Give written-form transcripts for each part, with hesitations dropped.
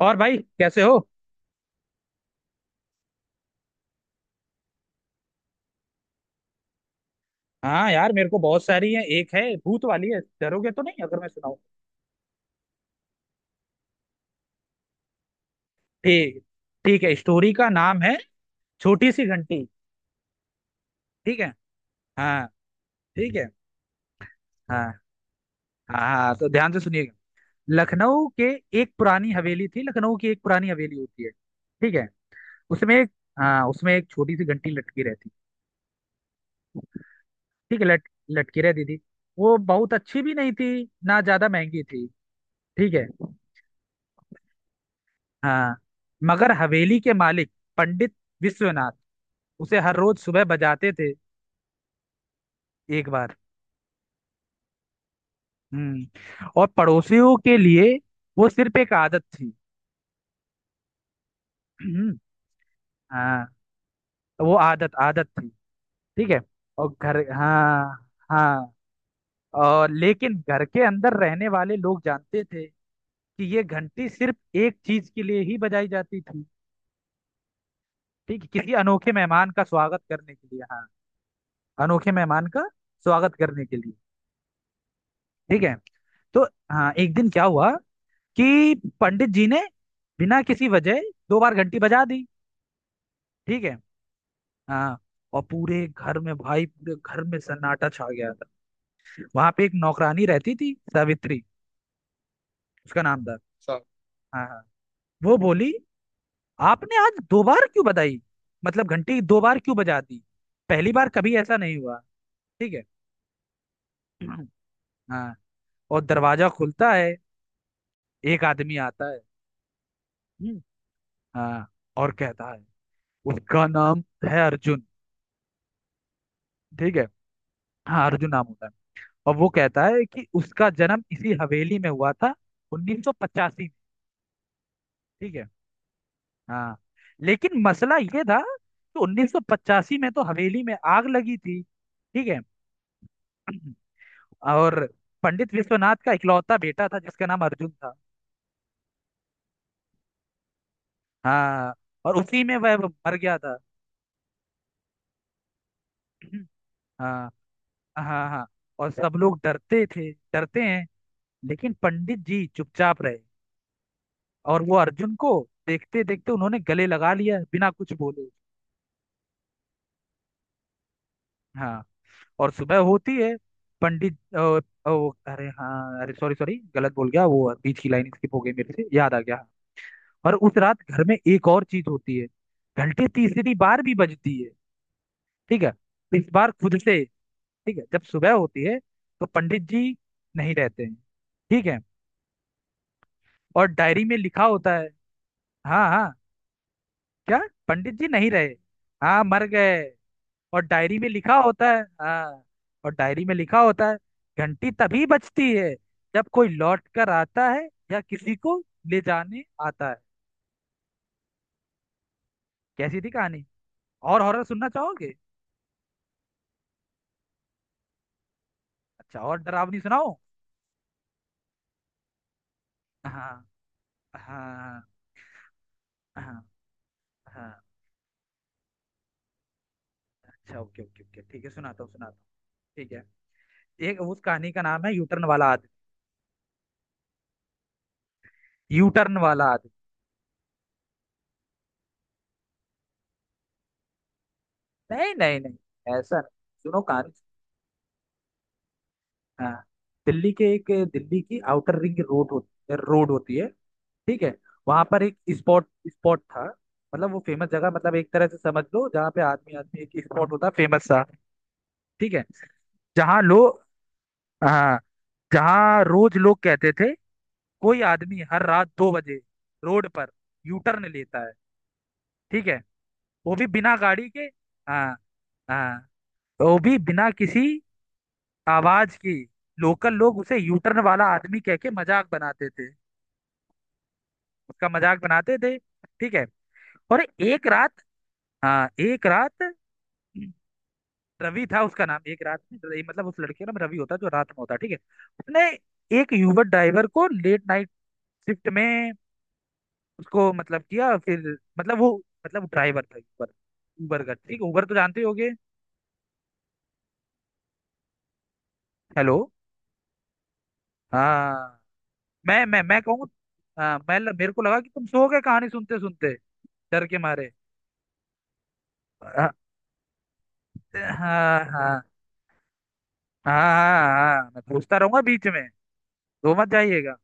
और भाई, कैसे हो? हाँ यार, मेरे को बहुत सारी है। एक है भूत वाली है। डरोगे तो नहीं अगर मैं सुनाऊं? ठीक ठीक है स्टोरी का नाम है, छोटी सी घंटी। ठीक है। हाँ। ठीक है। हाँ, हाँ। हाँ, तो ध्यान से सुनिएगा। लखनऊ के लखनऊ की एक पुरानी हवेली होती है। ठीक है। उसमें एक हाँ, उसमें एक छोटी सी घंटी लटकी रहती। ठीक है। लट लटकी रहती थी। वो बहुत अच्छी भी नहीं थी, ना ज्यादा महंगी थी। ठीक है। हाँ। मगर हवेली के मालिक पंडित विश्वनाथ उसे हर रोज सुबह बजाते थे, एक बार। और पड़ोसियों के लिए वो सिर्फ एक आदत थी। हम्म, हाँ, तो वो आदत आदत थी। ठीक है। और घर हाँ, हाँ। लेकिन घर के अंदर रहने वाले लोग जानते थे कि ये घंटी सिर्फ एक चीज के लिए ही बजाई जाती थी। ठीक है, किसी अनोखे मेहमान का स्वागत करने के लिए। हाँ, अनोखे मेहमान का स्वागत करने के लिए। ठीक है। तो, हाँ, एक दिन क्या हुआ कि पंडित जी ने बिना किसी वजह दो बार घंटी बजा दी। ठीक है। हाँ। और पूरे घर में, भाई, पूरे घर में सन्नाटा छा गया था। वहां पे एक नौकरानी रहती थी, सावित्री उसका नाम था। सा- हाँ, हाँ। वो बोली, आपने आज दो बार क्यों बजाई? मतलब, घंटी दो बार क्यों बजा दी? पहली बार कभी ऐसा नहीं हुआ। ठीक है। हाँ। और दरवाजा खुलता है, एक आदमी आता है। हम्म, हाँ, और कहता है, उसका नाम है अर्जुन। ठीक है। हाँ, अर्जुन नाम होता है। और वो कहता है कि उसका जन्म इसी हवेली में हुआ था, 1985 में। ठीक है। हाँ। लेकिन मसला ये था कि 1985 में तो हवेली में आग लगी थी। ठीक है। और पंडित विश्वनाथ का इकलौता बेटा था, जिसका नाम अर्जुन था। हाँ। और उसी में वह मर गया था। हाँ, हाँ, हाँ। और सब लोग डरते थे, डरते हैं, लेकिन पंडित जी चुपचाप रहे, और वो अर्जुन को देखते देखते उन्होंने गले लगा लिया बिना कुछ बोले। हाँ। और सुबह होती है। पंडित वो, अरे हाँ, अरे सॉरी सॉरी गलत बोल गया, वो बीच की लाइन स्किप हो गई, मेरे से याद आ गया। और उस रात घर में एक और चीज होती है, घंटी तीसरी बार भी बजती है। ठीक है, इस बार खुद से। ठीक है, जब सुबह होती है तो पंडित जी नहीं रहते हैं। ठीक है। और डायरी में लिखा होता है। हाँ, हाँ, क्या? पंडित जी नहीं रहे। हाँ, मर गए। और डायरी में लिखा होता है। हाँ। और डायरी में लिखा होता है, घंटी तभी बजती है जब कोई लौट कर आता है या किसी को ले जाने आता है। कैसी थी कहानी? और हॉरर सुनना चाहोगे? अच्छा, और डरावनी सुनाओ। हाँ, हाँ, हाँ, हाँ। अच्छा, ओके, ओके, ओके, ठीक है, सुनाता हूँ, सुनाता हूँ। ठीक है। एक उस कहानी का नाम है, यूटर्न वाला आदमी। यूटर्न वाला आदमी। नहीं, नहीं, नहीं, ऐसा नहीं, सुनो कहानी। हाँ। दिल्ली के एक दिल्ली की आउटर रिंग रोड होती है। ठीक है। वहां पर एक स्पॉट स्पॉट था, मतलब वो फेमस जगह, मतलब एक तरह से समझ लो, जहाँ पे आदमी आदमी एक स्पॉट होता, फेमस सा। ठीक है। जहाँ लोग हाँ, जहाँ रोज लोग कहते थे, कोई आदमी हर रात दो बजे रोड पर यू टर्न लेता है। ठीक है, वो भी बिना गाड़ी के। हाँ, हाँ, वो भी बिना किसी आवाज की। लोकल लोग उसे यू टर्न वाला आदमी कह के मजाक बनाते थे, उसका मजाक बनाते थे। ठीक है। और एक रात, हाँ एक रात, रवि था उसका नाम, एक रात में मतलब, उस लड़के का नाम रवि होता है, जो रात में होता है, ठीक है। उसने एक यूबर ड्राइवर को लेट नाइट शिफ्ट में, उसको मतलब किया फिर, मतलब वो, मतलब ड्राइवर था ऊबर ऊबर का, ठीक है, ऊबर तो जानते ही होगे। हेलो? हाँ, मैं कहूँ? हाँ, मैं, मेरे को लगा कि तुम सो गए कहानी सुनते सुनते, डर के मारे। हाँ, हाँ, हाँ, हाँ, हाँ, हाँ, हाँ, मैं पूछता रहूंगा बीच में, वो मत जाइएगा।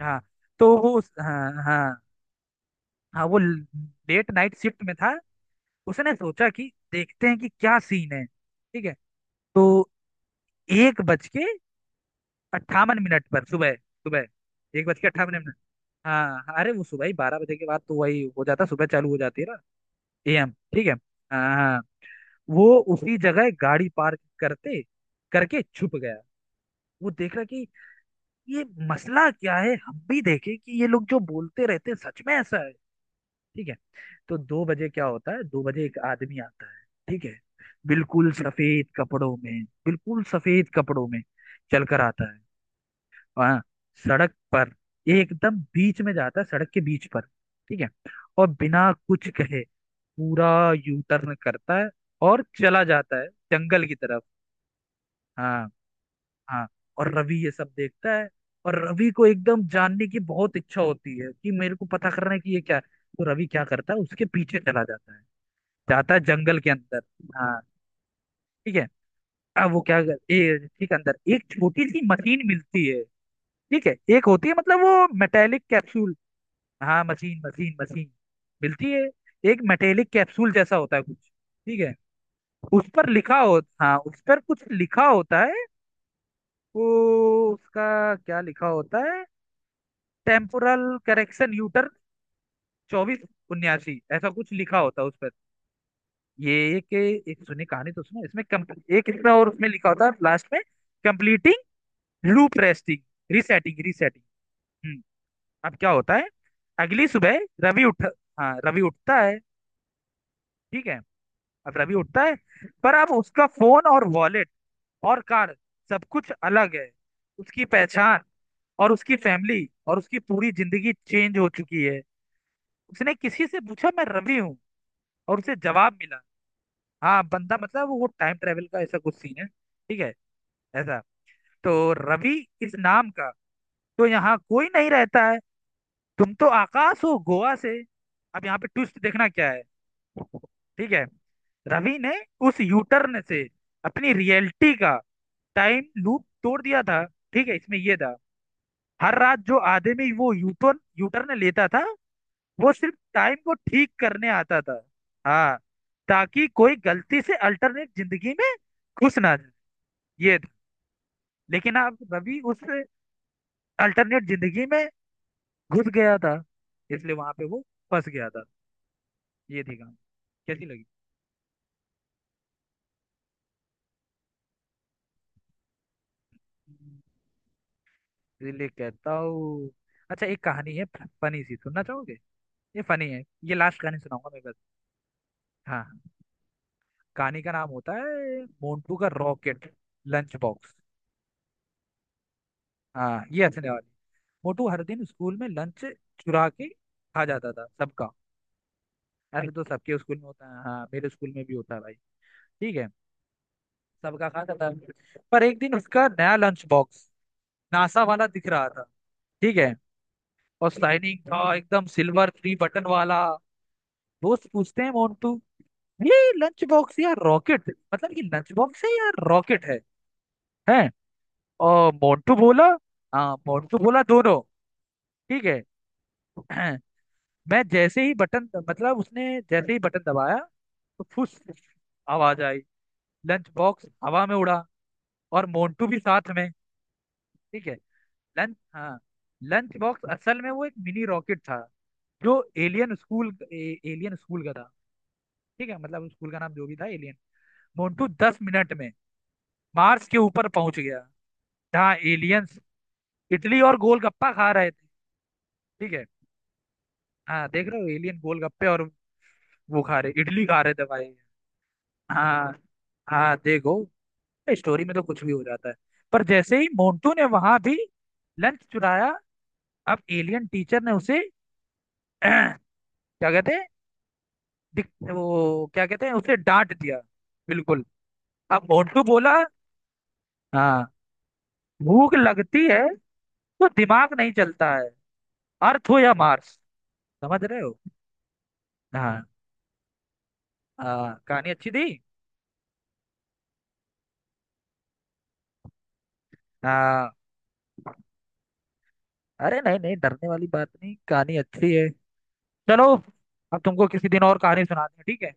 हाँ। तो वो उस हाँ, हाँ, हाँ, वो लेट नाइट शिफ्ट में था। उसने सोचा कि देखते हैं कि क्या सीन है। ठीक है। तो 1:58 पर, सुबह सुबह, 1:58। हाँ, अरे वो सुबह ही, 12 बजे के बाद तो वही हो जाता, सुबह चालू हो जाती है ना। एएम। ठीक है। हाँ, हाँ। वो उसी जगह गाड़ी पार्क करते करके छुप गया। वो देख रहा कि ये मसला क्या है, हम भी देखे कि ये लोग जो बोलते रहते हैं, सच में ऐसा है। ठीक है। तो दो बजे क्या होता है, दो बजे एक आदमी आता है। ठीक है, बिल्कुल सफेद कपड़ों में, बिल्कुल सफेद कपड़ों में चल कर आता है। हाँ, सड़क पर, एकदम बीच में जाता है, सड़क के बीच पर। ठीक है। और बिना कुछ कहे पूरा यू टर्न करता है, और चला जाता है जंगल की तरफ। हाँ, हाँ। और रवि ये सब देखता है। और रवि को एकदम जानने की बहुत इच्छा होती है कि मेरे को पता करना है कि ये क्या है। तो रवि क्या करता है, उसके पीछे चला जाता है, जाता है जंगल के अंदर। हाँ। ठीक है। अब वो क्या कर ए, ठीक है, अंदर एक छोटी सी मशीन मिलती है। ठीक है, एक होती है, मतलब वो मेटेलिक कैप्सूल। हाँ, मशीन मशीन मशीन मिलती है। एक मेटेलिक कैप्सूल जैसा होता है कुछ। ठीक है। उस पर लिखा हो हाँ, उस पर कुछ लिखा होता है। वो उसका क्या लिखा होता है, टेम्पोरल करेक्शन यूटर, 24 79, ऐसा कुछ लिखा होता है उस पर। ये एक एक सुनी कहानी तो सुनो, इसमें एक इसमें, और उसमें लिखा होता है लास्ट में, completing loop, resting, resetting, resetting. हम्म। अब क्या होता है, अगली सुबह रवि उठ हाँ, रवि उठता है। ठीक है। अब रवि उठता है, पर अब उसका फोन और वॉलेट और कार, सब कुछ अलग है। उसकी पहचान और उसकी फैमिली और उसकी पूरी जिंदगी चेंज हो चुकी है। उसने किसी से पूछा, मैं रवि हूँ? और उसे जवाब मिला। हाँ, बंदा मतलब, वो टाइम ट्रेवल का ऐसा कुछ सीन है, ठीक है, ऐसा। तो रवि इस नाम का तो यहाँ कोई नहीं रहता है, तुम तो आकाश हो गोवा से। अब यहाँ पे ट्विस्ट देखना क्या है। ठीक है, रवि ने उस यूटर्न से अपनी रियलिटी का टाइम लूप तोड़ दिया था। ठीक है, इसमें ये था। हर रात जो आदमी वो यूटर्न यूटर्न लेता था, वो सिर्फ टाइम को ठीक करने आता था। हाँ, ताकि कोई गलती से अल्टरनेट जिंदगी में घुस ना जाए, ये था। लेकिन अब रवि उस अल्टरनेट जिंदगी में घुस गया था, इसलिए वहां पे वो फंस गया था। ये थी कहानी, कैसी लगी? इसलिए कहता हूँ, अच्छा एक कहानी है फनी सी, सुनना चाहोगे? ये फनी है, ये लास्ट कहानी सुनाऊंगा मैं, बस। हाँ, हाँ। कहानी का नाम होता है, मोंटू का रॉकेट लंच बॉक्स। हाँ, ये हंसने वाली। मोटू हर दिन स्कूल में लंच चुरा के खा जाता था सबका। ऐसे तो सबके स्कूल में होता है, हाँ मेरे स्कूल में भी होता है भाई। ठीक है। सबका खाता था। पर एक दिन उसका नया लंच बॉक्स नासा वाला दिख रहा था। ठीक है, और शाइनिंग था एकदम, सिल्वर, थ्री बटन वाला। दोस्त पूछते हैं, मोन्टू ये लंच बॉक्स या रॉकेट? मतलब, ये लंच बॉक्स है या रॉकेट है? हैं? और मोन्टू बोला, हाँ मोन्टू बोला, दोनों। ठीक है। मैं जैसे ही बटन मतलब उसने जैसे ही बटन दबाया, तो फुस आवाज आई, लंच बॉक्स हवा में उड़ा, और मोन्टू भी साथ में। ठीक है। लंच हाँ, लंच बॉक्स असल में वो एक मिनी रॉकेट था, जो एलियन स्कूल, एलियन स्कूल का था। ठीक है, मतलब स्कूल का नाम जो भी था, एलियन। मोन्टू 10 मिनट में मार्स के ऊपर पहुंच गया, जहाँ एलियंस इडली और गोलगप्पा खा रहे थे। ठीक है। हाँ, देख रहे हो, एलियन गोलगप्पे, और वो खा रहे, इडली खा रहे थे भाई। हाँ, हाँ। देखो, स्टोरी में तो कुछ भी हो जाता है। पर जैसे ही मोन्टू ने वहां भी लंच चुराया, अब एलियन टीचर ने उसे क्या कहते हैं, वो क्या कहते हैं, उसे डांट दिया, बिल्कुल। अब मोन्टू बोला, हाँ, भूख लगती है तो दिमाग नहीं चलता है, अर्थ हो या मार्स, समझ रहे हो? हाँ। कहानी अच्छी थी। हाँ। अरे नहीं, नहीं, डरने वाली बात नहीं, कहानी अच्छी है। चलो, अब तुमको किसी दिन और कहानी सुनाते हैं। ठीक है।